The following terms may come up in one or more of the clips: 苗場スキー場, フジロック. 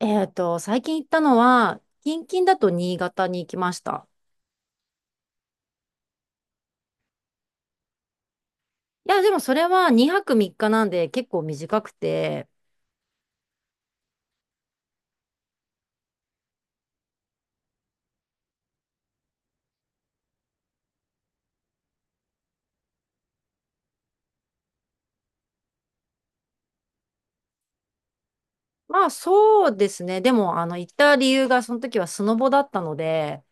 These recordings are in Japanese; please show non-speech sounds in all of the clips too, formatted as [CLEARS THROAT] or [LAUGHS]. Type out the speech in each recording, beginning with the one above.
最近行ったのは、近々だと新潟に行きました。いや、でもそれは2泊3日なんで結構短くて、まあそうですね。でも、行った理由がその時はスノボだったので、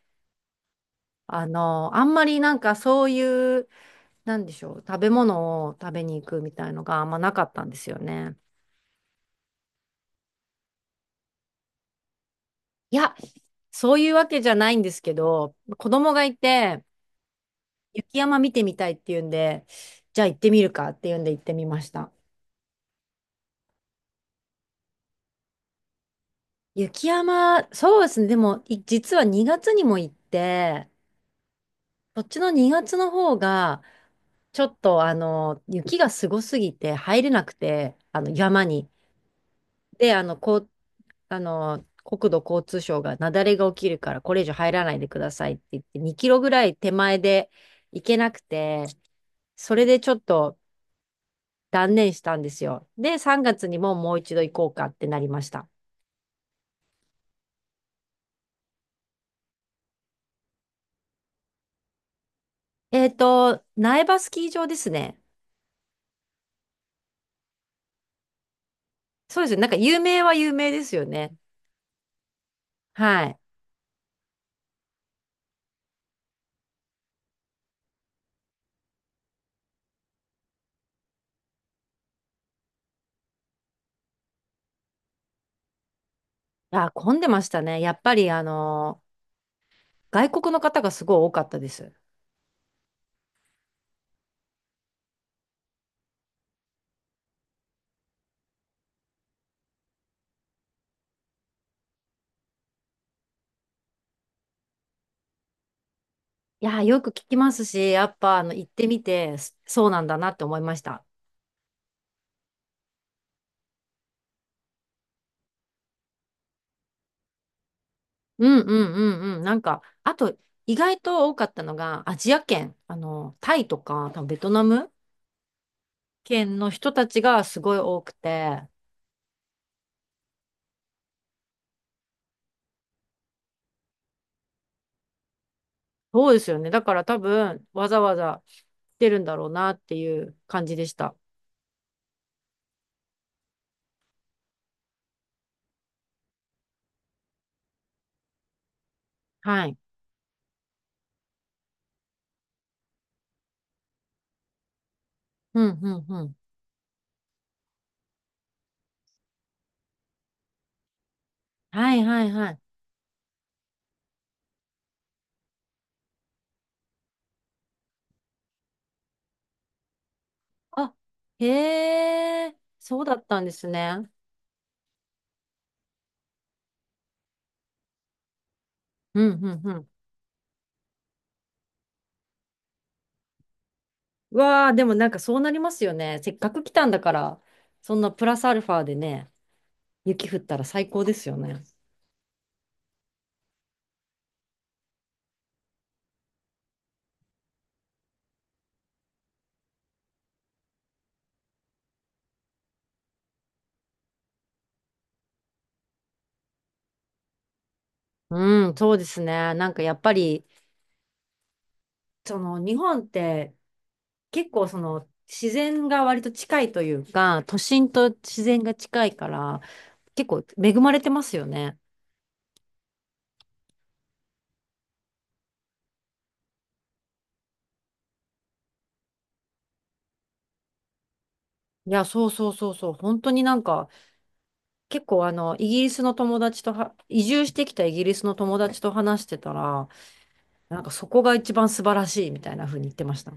あんまりなんかそういう、なんでしょう、食べ物を食べに行くみたいのがあんまなかったんですよね。いや、そういうわけじゃないんですけど、子供がいて、雪山見てみたいっていうんで、じゃあ行ってみるかっていうんで行ってみました。雪山、そうですね。でも、実は2月にも行って、こっちの2月の方が、ちょっと、雪がすごすぎて入れなくて、山に。で、こう、国土交通省が雪崩が起きるから、これ以上入らないでくださいって言って、2キロぐらい手前で行けなくて、それでちょっと断念したんですよ。で、3月にももう一度行こうかってなりました。苗場スキー場ですね。そうですよ。なんか有名は有名ですよね。はい。あ、混んでましたね。やっぱり外国の方がすごい多かったです。いや、よく聞きますし、やっぱ行ってみて、そうなんだなって思いました。うんうんうんうん。なんか、あと、意外と多かったのが、アジア圏、タイとか、多分ベトナム圏の人たちがすごい多くて、そうですよね。だから多分、わざわざ来てるんだろうなっていう感じでした。はい。うんうんうん。はいはいはい。あ、へえ、そうだったんですね。うん、うん、うん。うわあ、でもなんかそうなりますよね。せっかく来たんだから、そんなプラスアルファでね、雪降ったら最高ですよね。うん、そうですね。なんかやっぱり、その日本って結構その自然が割と近いというか、都心と自然が近いから、結構恵まれてますよね。いや、そうそうそうそう。本当になんか、結構イギリスの友達とは、移住してきたイギリスの友達と話してたら、なんかそこが一番素晴らしいみたいな風に言ってました。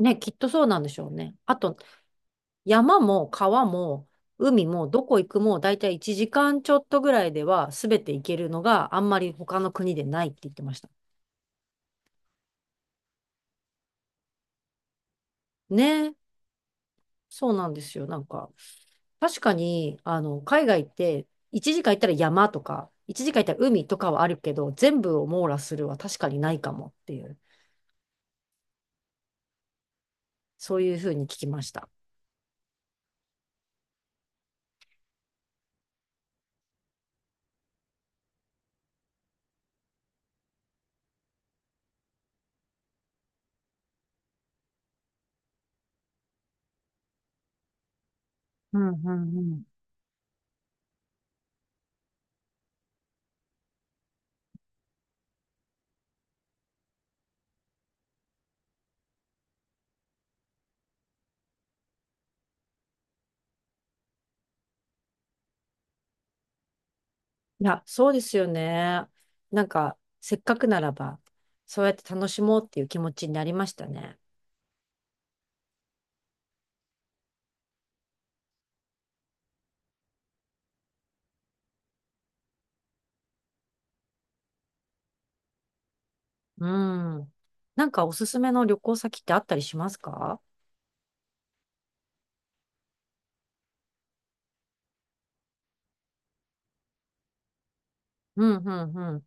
ね、きっとそうなんでしょうね。あと、山も川も海もどこ行くも大体1時間ちょっとぐらいでは全て行けるのがあんまり他の国でないって言ってました。ね、そうなんですよ。なんか、確かに、海外って1時間行ったら山とか、1時間行ったら海とかはあるけど、全部を網羅するは確かにないかもっていう。そういうふうに聞きました。うんうんうん。いや、そうですよね。なんか、せっかくならば、そうやって楽しもうっていう気持ちになりましたね。うん。なんかおすすめの旅行先ってあったりしますか？うんうんうん。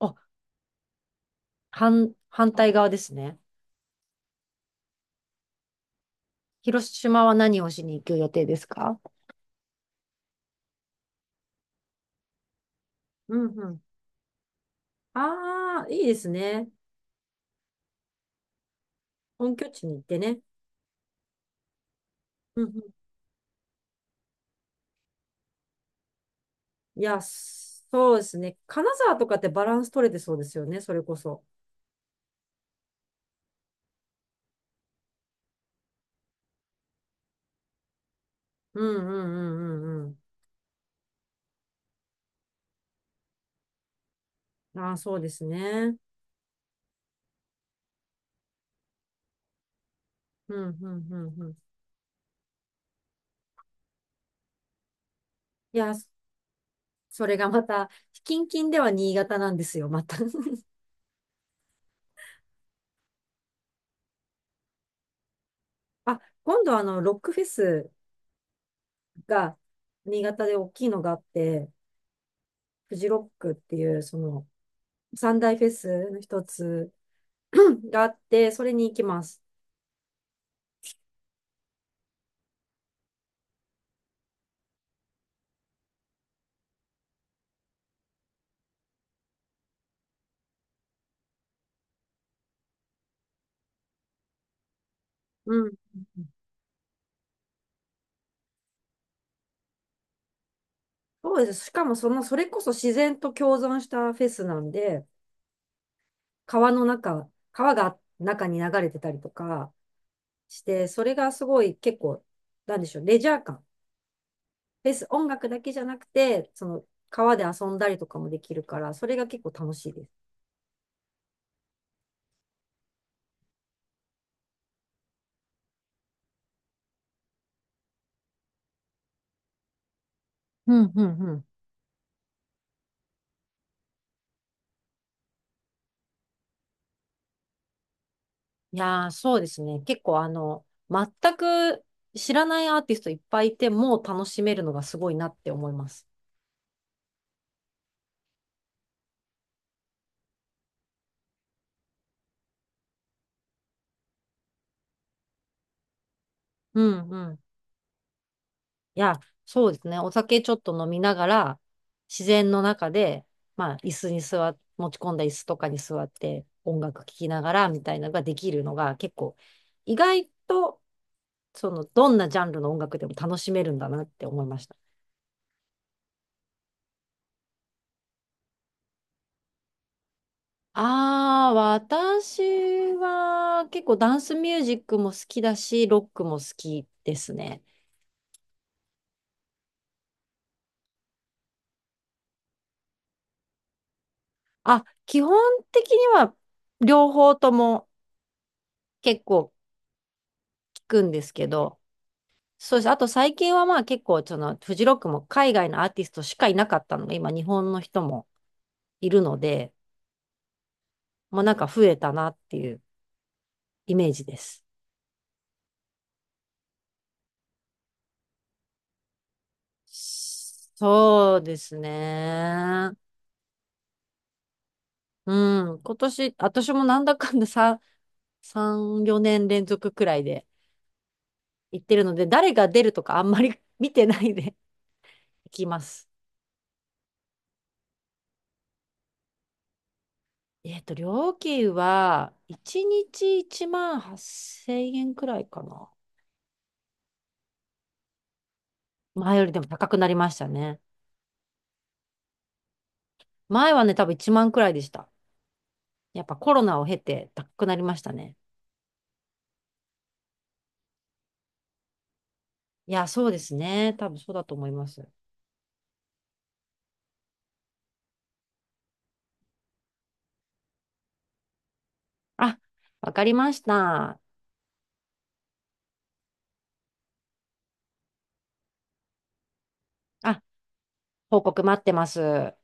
あ、反対側ですね。広島は何をしに行く予定ですか？うんうん。ああ、いいですね。本拠地に行ってね。うん。いや、そうですね。金沢とかってバランス取れてそうですよね、それこそ。うんうんうんうんうん。ああ、そうですね。うんうんうんうん。いや、それがまた、近々では新潟なんですよ、また。[LAUGHS] あ、今度ロックフェスが、新潟で大きいのがあって、フジロックっていう、三大フェスの一つ [CLEARS THROAT] があって、それに行きます。うん。そうです。しかもそれこそ自然と共存したフェスなんで、川の中、川が中に流れてたりとかして、それがすごい結構、なんでしょう、レジャー感。フェス、音楽だけじゃなくて、その川で遊んだりとかもできるから、それが結構楽しいです。うんうんうん。いやー、そうですね。結構全く知らないアーティストいっぱいいて、もう楽しめるのがすごいなって思います。うんうん。いや、そうですね。お酒ちょっと飲みながら、自然の中で、まあ、椅子に座っ、持ち込んだ椅子とかに座って、音楽聴きながら、みたいなのができるのが、結構、意外と、どんなジャンルの音楽でも楽しめるんだなって思いました。ああ、私は、結構ダンスミュージックも好きだし、ロックも好きですね。あ、基本的には、両方とも結構聞くんですけど、そうです。あと最近はまあ結構そのフジロックも海外のアーティストしかいなかったのが今日本の人もいるので、もうなんか増えたなっていうイメージです。そうですね。うん。今年、私もなんだかんだ3、4年連続くらいで行ってるので、誰が出るとかあんまり [LAUGHS] 見てないで [LAUGHS] 行きます。料金は1日1万8000円くらいかな。前よりでも高くなりましたね。前はね、多分1万くらいでした。やっぱコロナを経て高くなりましたね。いや、そうですね。多分そうだと思います。あ、わかりました。あ、報告待ってます。